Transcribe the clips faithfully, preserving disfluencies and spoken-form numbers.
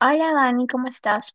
Hola Dani, ¿cómo estás?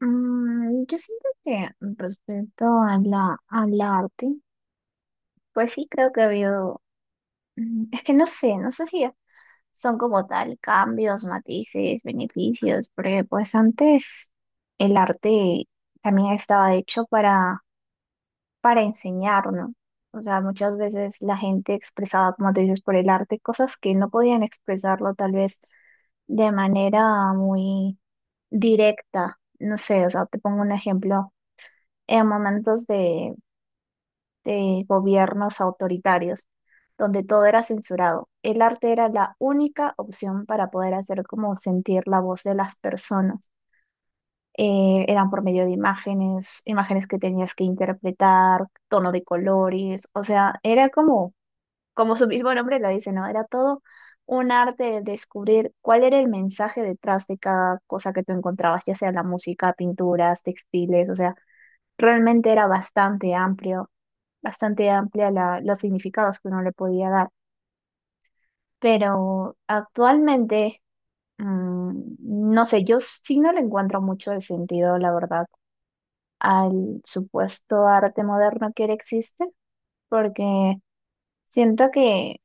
Mm, yo siento que respecto a la, al arte, pues sí creo que ha habido, mm, es que no sé, no sé si son como tal cambios, matices, beneficios, porque pues antes el arte también estaba hecho para, para enseñar, ¿no? O sea, muchas veces la gente expresaba, como te dices, por el arte cosas que no podían expresarlo tal vez de manera muy directa. No sé, o sea, te pongo un ejemplo, en momentos de, de gobiernos autoritarios, donde todo era censurado, el arte era la única opción para poder hacer como sentir la voz de las personas. Eh, eran por medio de imágenes, imágenes que tenías que interpretar, tono de colores, o sea, era como como su mismo nombre lo dice, ¿no? Era todo un arte de descubrir cuál era el mensaje detrás de cada cosa que tú encontrabas, ya sea la música, pinturas, textiles, o sea, realmente era bastante amplio, bastante amplia la- los significados que uno le podía dar. Pero actualmente, mm, no sé, yo sí no le encuentro mucho el sentido, la verdad, al supuesto arte moderno que ahora existe, porque siento que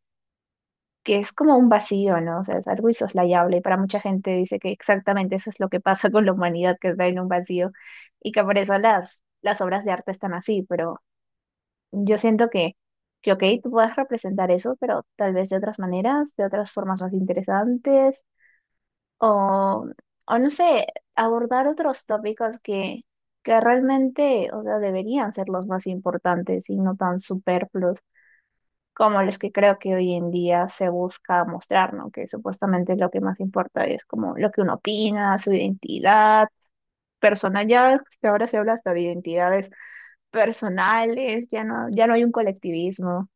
que es como un vacío, ¿no? O sea, es algo insoslayable y para mucha gente dice que exactamente eso es lo que pasa con la humanidad, que está en un vacío y que por eso las, las obras de arte están así, pero yo siento que, que, ok, tú puedes representar eso, pero tal vez de otras maneras, de otras formas más interesantes o, o no sé, abordar otros tópicos que, que realmente, o sea, deberían ser los más importantes y no tan superfluos como los que creo que hoy en día se busca mostrar, ¿no? Que supuestamente lo que más importa es como lo que uno opina, su identidad personal. Ya ves que hasta ahora se habla hasta de identidades personales, ya no, ya no hay un colectivismo.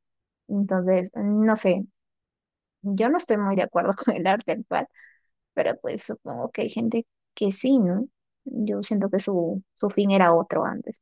Entonces, no sé, yo no estoy muy de acuerdo con el arte actual, pero pues supongo que hay gente que sí, ¿no? Yo siento que su, su fin era otro antes.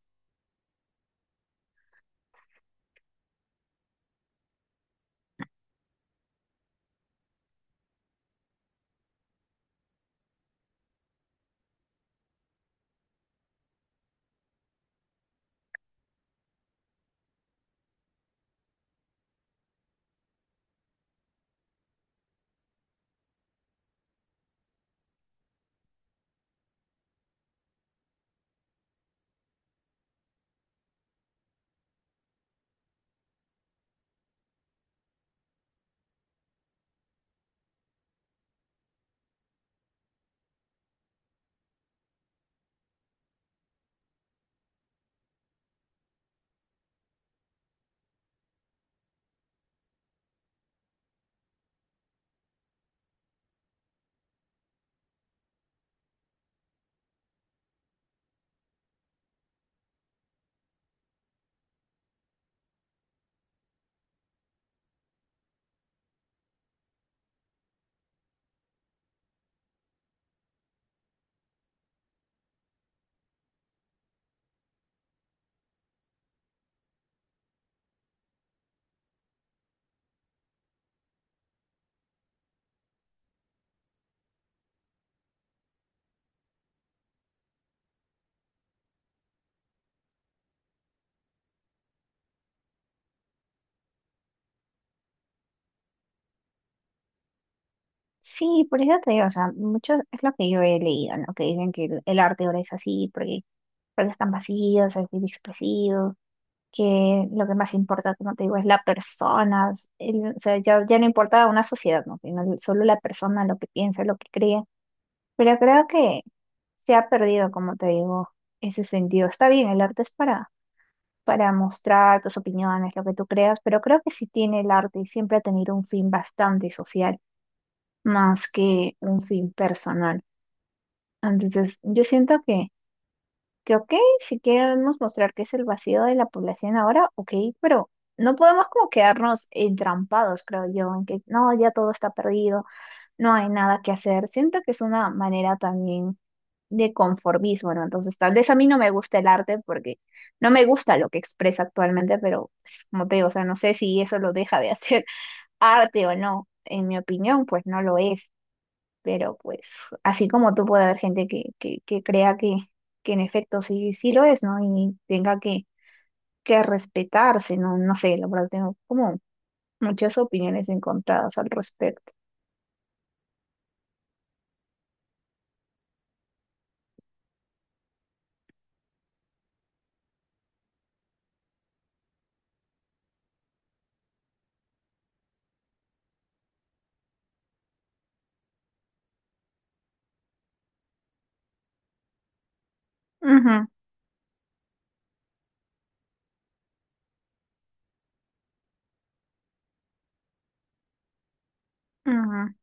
Sí, por eso te digo, o sea, mucho es lo que yo he leído, ¿no? Que dicen que el, el arte ahora es así, porque, porque están vacíos, es muy expresivo, que lo que más importa, como te digo, es la persona, el- o sea, ya, ya no importa una sociedad, ¿no? Sino el- solo la persona, lo que piensa, lo que cree. Pero creo que se ha perdido, como te digo, ese sentido. Está bien, el arte es para, para mostrar tus opiniones, lo que tú creas, pero creo que sí tiene el arte y siempre ha tenido un fin bastante social más que un fin personal. Entonces, yo siento que, que ok, si queremos mostrar que es el vacío de la población ahora, ok, pero no podemos como quedarnos entrampados, creo yo, en que no, ya todo está perdido, no hay nada que hacer. Siento que es una manera también de conformismo, ¿no? Entonces, tal vez a mí no me gusta el arte porque no me gusta lo que expresa actualmente, pero pues, como te digo, o sea, no sé si eso lo deja de hacer arte o no. En mi opinión, pues no lo es. Pero pues así como tú puede haber gente que, que, que crea que, que en efecto sí, sí lo es, ¿no? Y tenga que, que respetarse, ¿no? No sé, la verdad tengo como muchas opiniones encontradas al respecto. Ujú, ujú,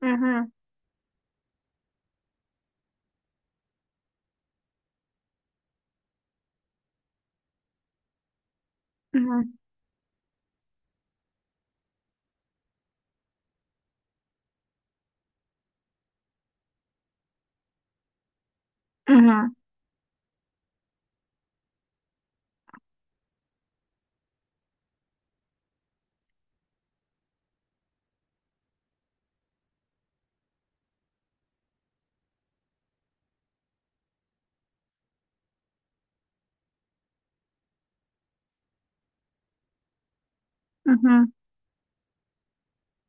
ujú, ujú, ujú, ujú.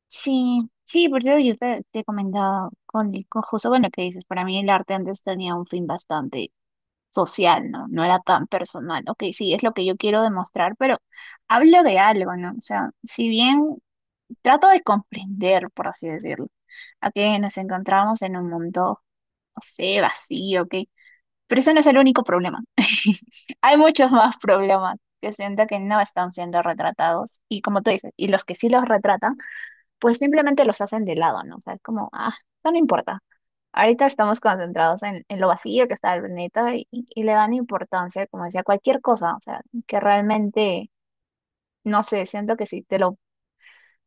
Sí, sí, por eso yo te, te comentaba con, con justo, bueno, que dices, para mí el arte antes tenía un fin bastante social, ¿no? No era tan personal. Ok, sí, es lo que yo quiero demostrar, pero hablo de algo, ¿no? O sea, si bien trato de comprender, por así decirlo, a que nos encontramos en un mundo, no sé, vacío, ok. Pero eso no es el único problema. Hay muchos más problemas que siento que no están siendo retratados. Y como tú dices, y los que sí los retratan, pues simplemente los hacen de lado, ¿no? O sea, es como, ah, eso no importa. Ahorita estamos concentrados en, en lo vacío que está el planeta y, y le dan importancia, como decía, a cualquier cosa, o sea, que realmente, no sé, siento que si te lo,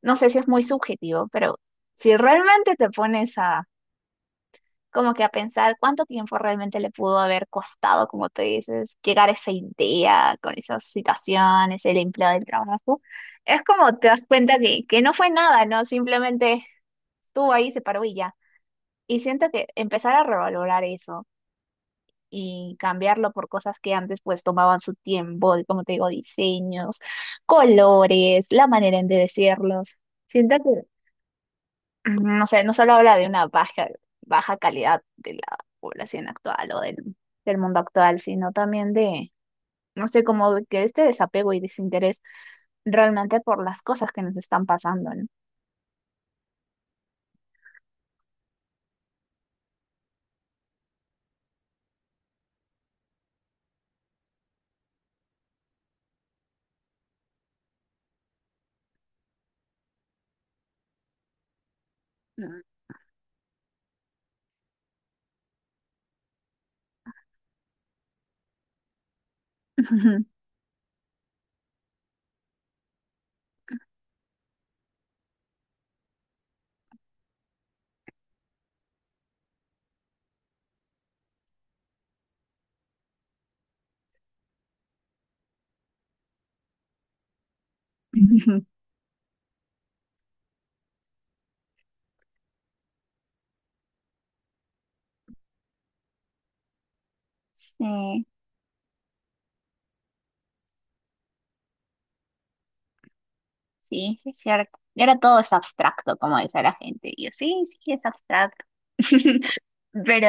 no sé si es muy subjetivo, pero si realmente te pones a, como que a pensar cuánto tiempo realmente le pudo haber costado, como te dices, llegar a esa idea con esas situaciones, el empleo del trabajo, es como te das cuenta que, que no fue nada, ¿no? Simplemente estuvo ahí, se paró y ya. Y siento que empezar a revalorar eso, y cambiarlo por cosas que antes pues tomaban su tiempo, de, como te digo, diseños, colores, la manera en de decirlos. Siento que, mm, no sé, no solo habla de una baja, baja calidad de la población actual o del, del mundo actual, sino también de, no sé, como de que este desapego y desinterés realmente por las cosas que nos están pasando, ¿no? Mm. Sí, sí, sí, es cierto. Y ahora todo es abstracto, como dice la gente. Y yo, sí, sí, es abstracto. Pero,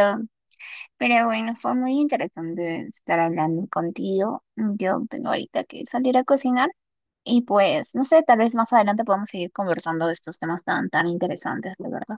pero bueno, fue muy interesante estar hablando contigo. Yo tengo ahorita que salir a cocinar y pues, no sé, tal vez más adelante podamos seguir conversando de estos temas tan, tan interesantes, la verdad.